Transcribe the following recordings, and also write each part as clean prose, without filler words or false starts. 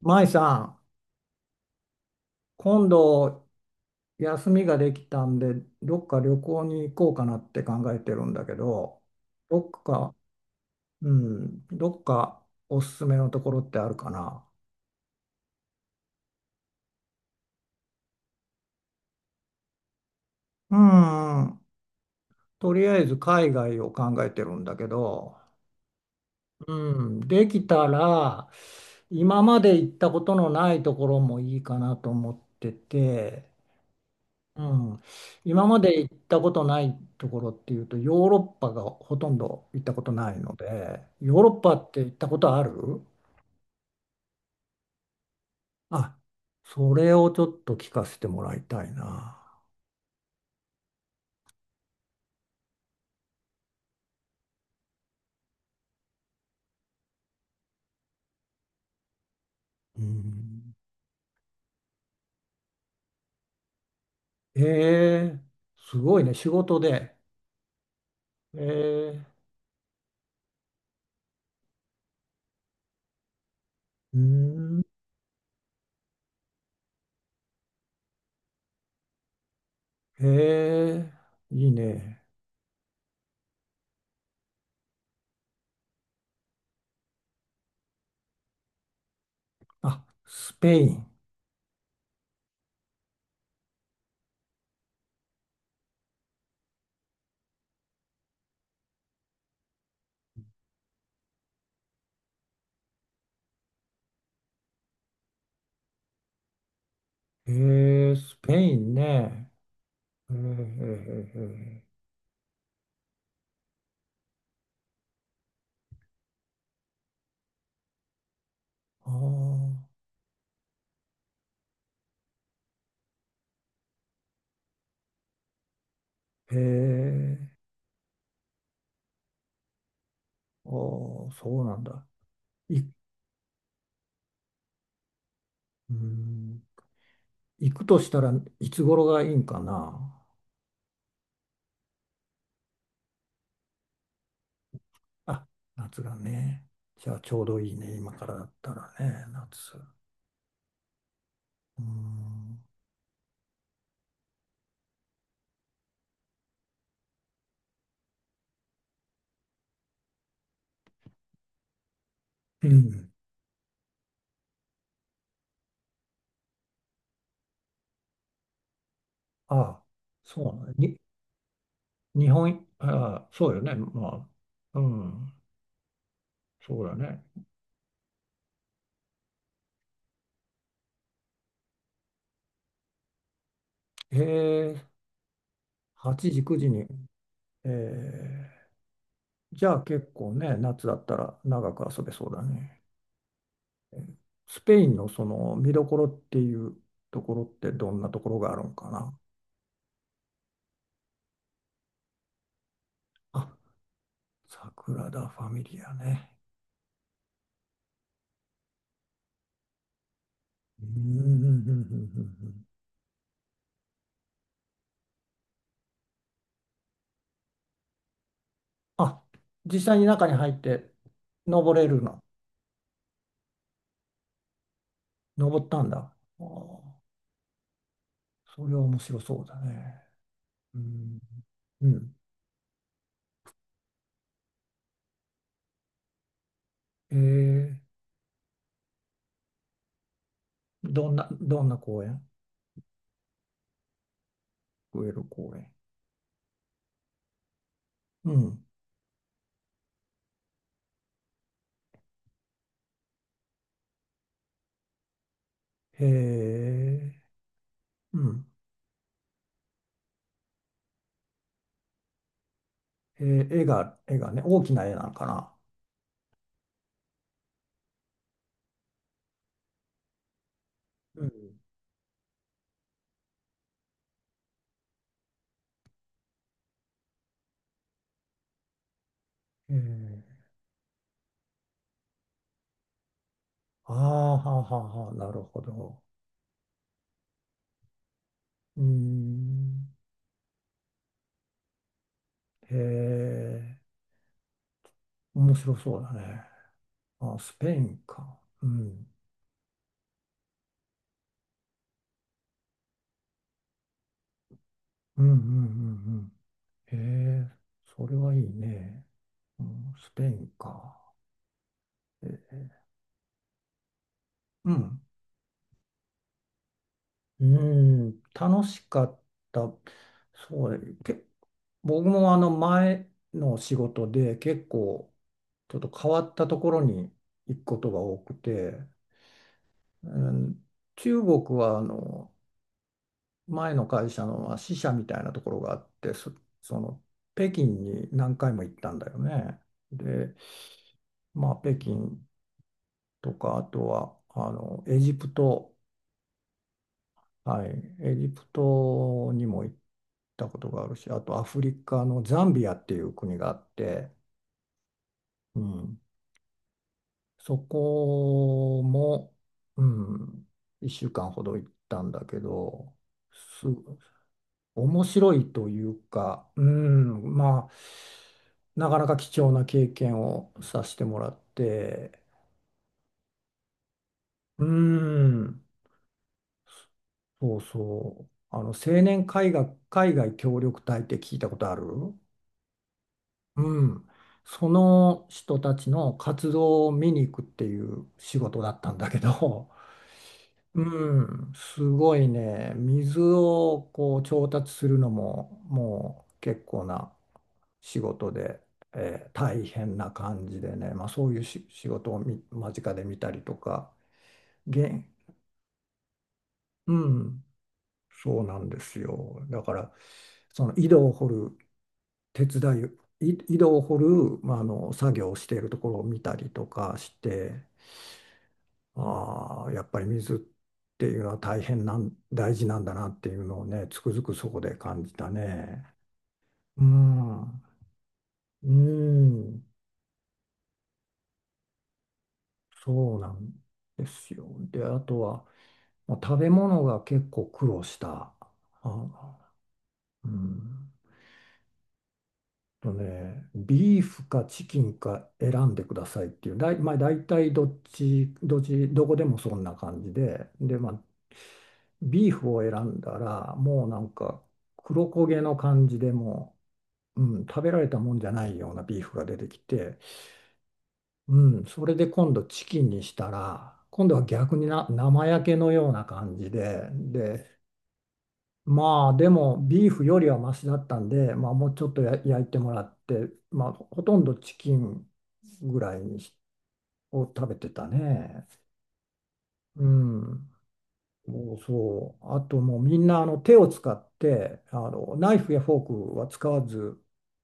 舞さん、今度休みができたんで、どっか旅行に行こうかなって考えてるんだけど、どっか、うん、どっかおすすめのところってあるかな。うん、とりあえず海外を考えてるんだけど、うん、できたら、今まで行ったことのないところもいいかなと思ってて、うん、今まで行ったことないところっていうとヨーロッパがほとんど行ったことないのでヨーロッパって行ったことある。あ、それをちょっと聞かせてもらいたいな。うん、ええ、すごいね、仕事で。ええ、うん、ええ、いいね。あ、スペイン。ええ、スペインね。ええええええ、ああ、ええ、ああ、そうなんだ。い、うーん、行くとしたらいつ頃がいいんかな。あ、夏がね。じゃあちょうどいいね。今からだったらね、夏。うーん。うん。ああ、そうなの。に、日本、ああ、そうよね。まあ、うん、そうだね。ええ、8時、9時に、ええ、じゃあ結構ね、夏だったら長く遊べそうだね。スペインのその見どころっていうところってどんなところがあるんかな。あ、サグラダ・ファミリアね。うんうんうんうんうんうん。あ、実際に中に入って登れるの。登ったんだ。ああ、それは面白そうだね。うん。うん。えー、どんな、どんな公園、グエル公園。うん。へえ、うん。えー、絵が、絵がね、大きな絵なのかな。うん。えー、ああ、はあはあはあ、なるほど。うーん。へえ、面白そうだね。あ、スペインか。うん。うんうんうんうん。へえ、それはいいね。うん、スペインか。え、うん。うん、楽しかった。そう、け、僕もあの前の仕事で結構ちょっと変わったところに行くことが多くて、うん、中国はあの前の会社のまあ支社みたいなところがあって、そ、その北京に何回も行ったんだよね。で、まあ、北京とか、あとはあのエジプト、はい、エジプトにも行ったことがあるし、あとアフリカのザンビアっていう国があって、うん、そこも、うん、1週間ほど行ったんだけど、す、面白いというか、うん、まあ、なかなか貴重な経験をさせてもらって、うん、そうそう、あの、青年海外、海外協力隊って聞いたことある。うん、その人たちの活動を見に行くっていう仕事だったんだけど、うん、すごいね。水をこう調達するのももう結構な仕事で、大変な感じでね、まあ、そういうし仕事をみ間近で見たりとか、げん、うん、そうなんですよ。だからその井戸を掘る手伝い、い井戸を掘る、まあ、あの作業をしているところを見たりとかして。ああ、やっぱり水っていうのは大変なん、大事なんだなっていうのをね、つくづくそこで感じたね。うん、うん、そうなんですよ。で、あとは、まあ食べ物が結構苦労した。あ、うんとね、ビーフかチキンか選んでくださいっていう、だい、まあ、大体どっち、どっち、どこでもそんな感じで、で、まあ、ビーフを選んだら、もうなんか黒焦げの感じでもう、うん、食べられたもんじゃないようなビーフが出てきて、うん、それで今度チキンにしたら、今度は逆にな生焼けのような感じで、で、まあでもビーフよりはマシだったんで、まあ、もうちょっとや焼いてもらって、まあ、ほとんどチキンぐらいにしを食べてたね。うん。そうそう。あともうみんなあの手を使ってあのナイフやフォークは使わず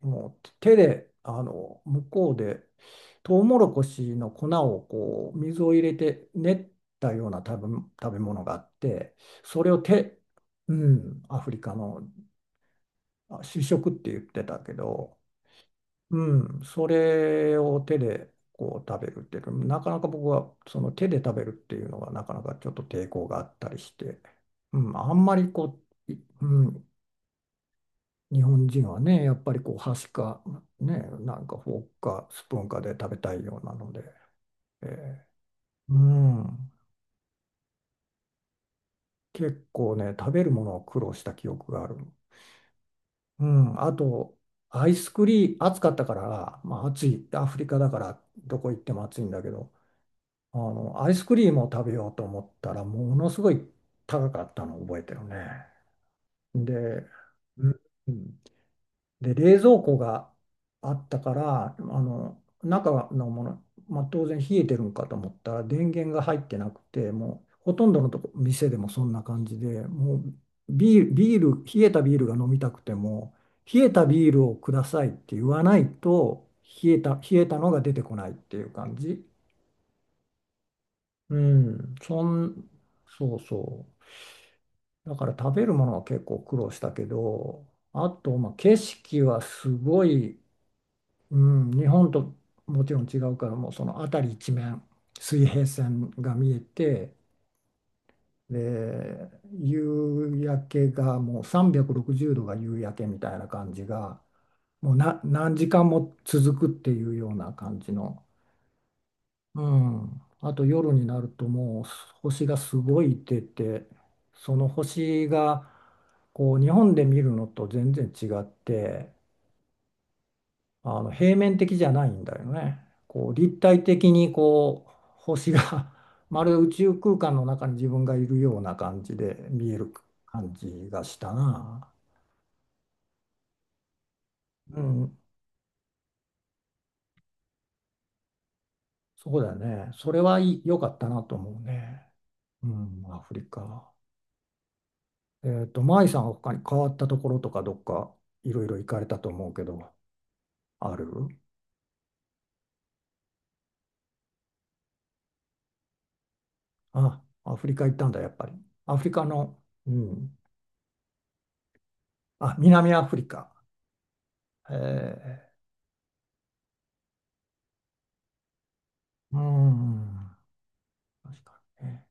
もう手であの向こうでトウモロコシの粉をこう水を入れて練ったような食べ、食べ物があってそれを手、うん、アフリカのあ、主食って言ってたけど、うん、それを手でこう食べるっていうのなかなか僕はその手で食べるっていうのがなかなかちょっと抵抗があったりして、うん、あんまりこう、いうん、日本人はね、やっぱりこう箸か、ね、なんかフォークかスプーンかで食べたいようなので、えうん、結構ね、食べるものを苦労した記憶がある。うん、あと、アイスクリーム、暑かったから、まあ、暑い、アフリカだから、どこ行っても暑いんだけど、あの、アイスクリームを食べようと思ったら、ものすごい高かったのを覚えてるね。で、うん、で、冷蔵庫があったから、あの、中のもの、まあ、当然冷えてるんかと思ったら、電源が入ってなくて、もうほとんどのとこ、店でもそんな感じで、もうビール、ビール、冷えたビールが飲みたくても、冷えたビールをくださいって言わないと、冷えた、冷えたのが出てこないっていう感じ。うん、そん、そうそう。だから食べるものは結構苦労したけど、あと、まあ、景色はすごい、うん、日本ともちろん違うからもうその辺り一面水平線が見えてで夕焼けがもう360度が夕焼けみたいな感じがもうな何時間も続くっていうような感じの、うん、あと夜になるともう星がすごい出てその星がこう日本で見るのと全然違って。あの平面的じゃないんだよね。こう立体的にこう星が まるで 宇宙空間の中に自分がいるような感じで見える感じがしたな。うん、そうだよね。それはいい良かったなと思うね。うん、アフリカ。えっと、マイさんは他に変わったところとかどっかいろいろ行かれたと思うけど、ある。あ、アフリカ行ったんだ、やっぱり。アフリカの、うん。あ、南アフリカ。えー、うん。確かにね。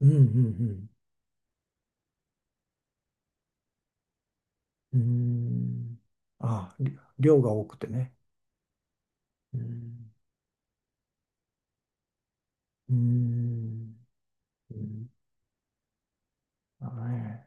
うんうんうん。うーん。ああ、り量が多くてね。うん。うーん。うん、だね。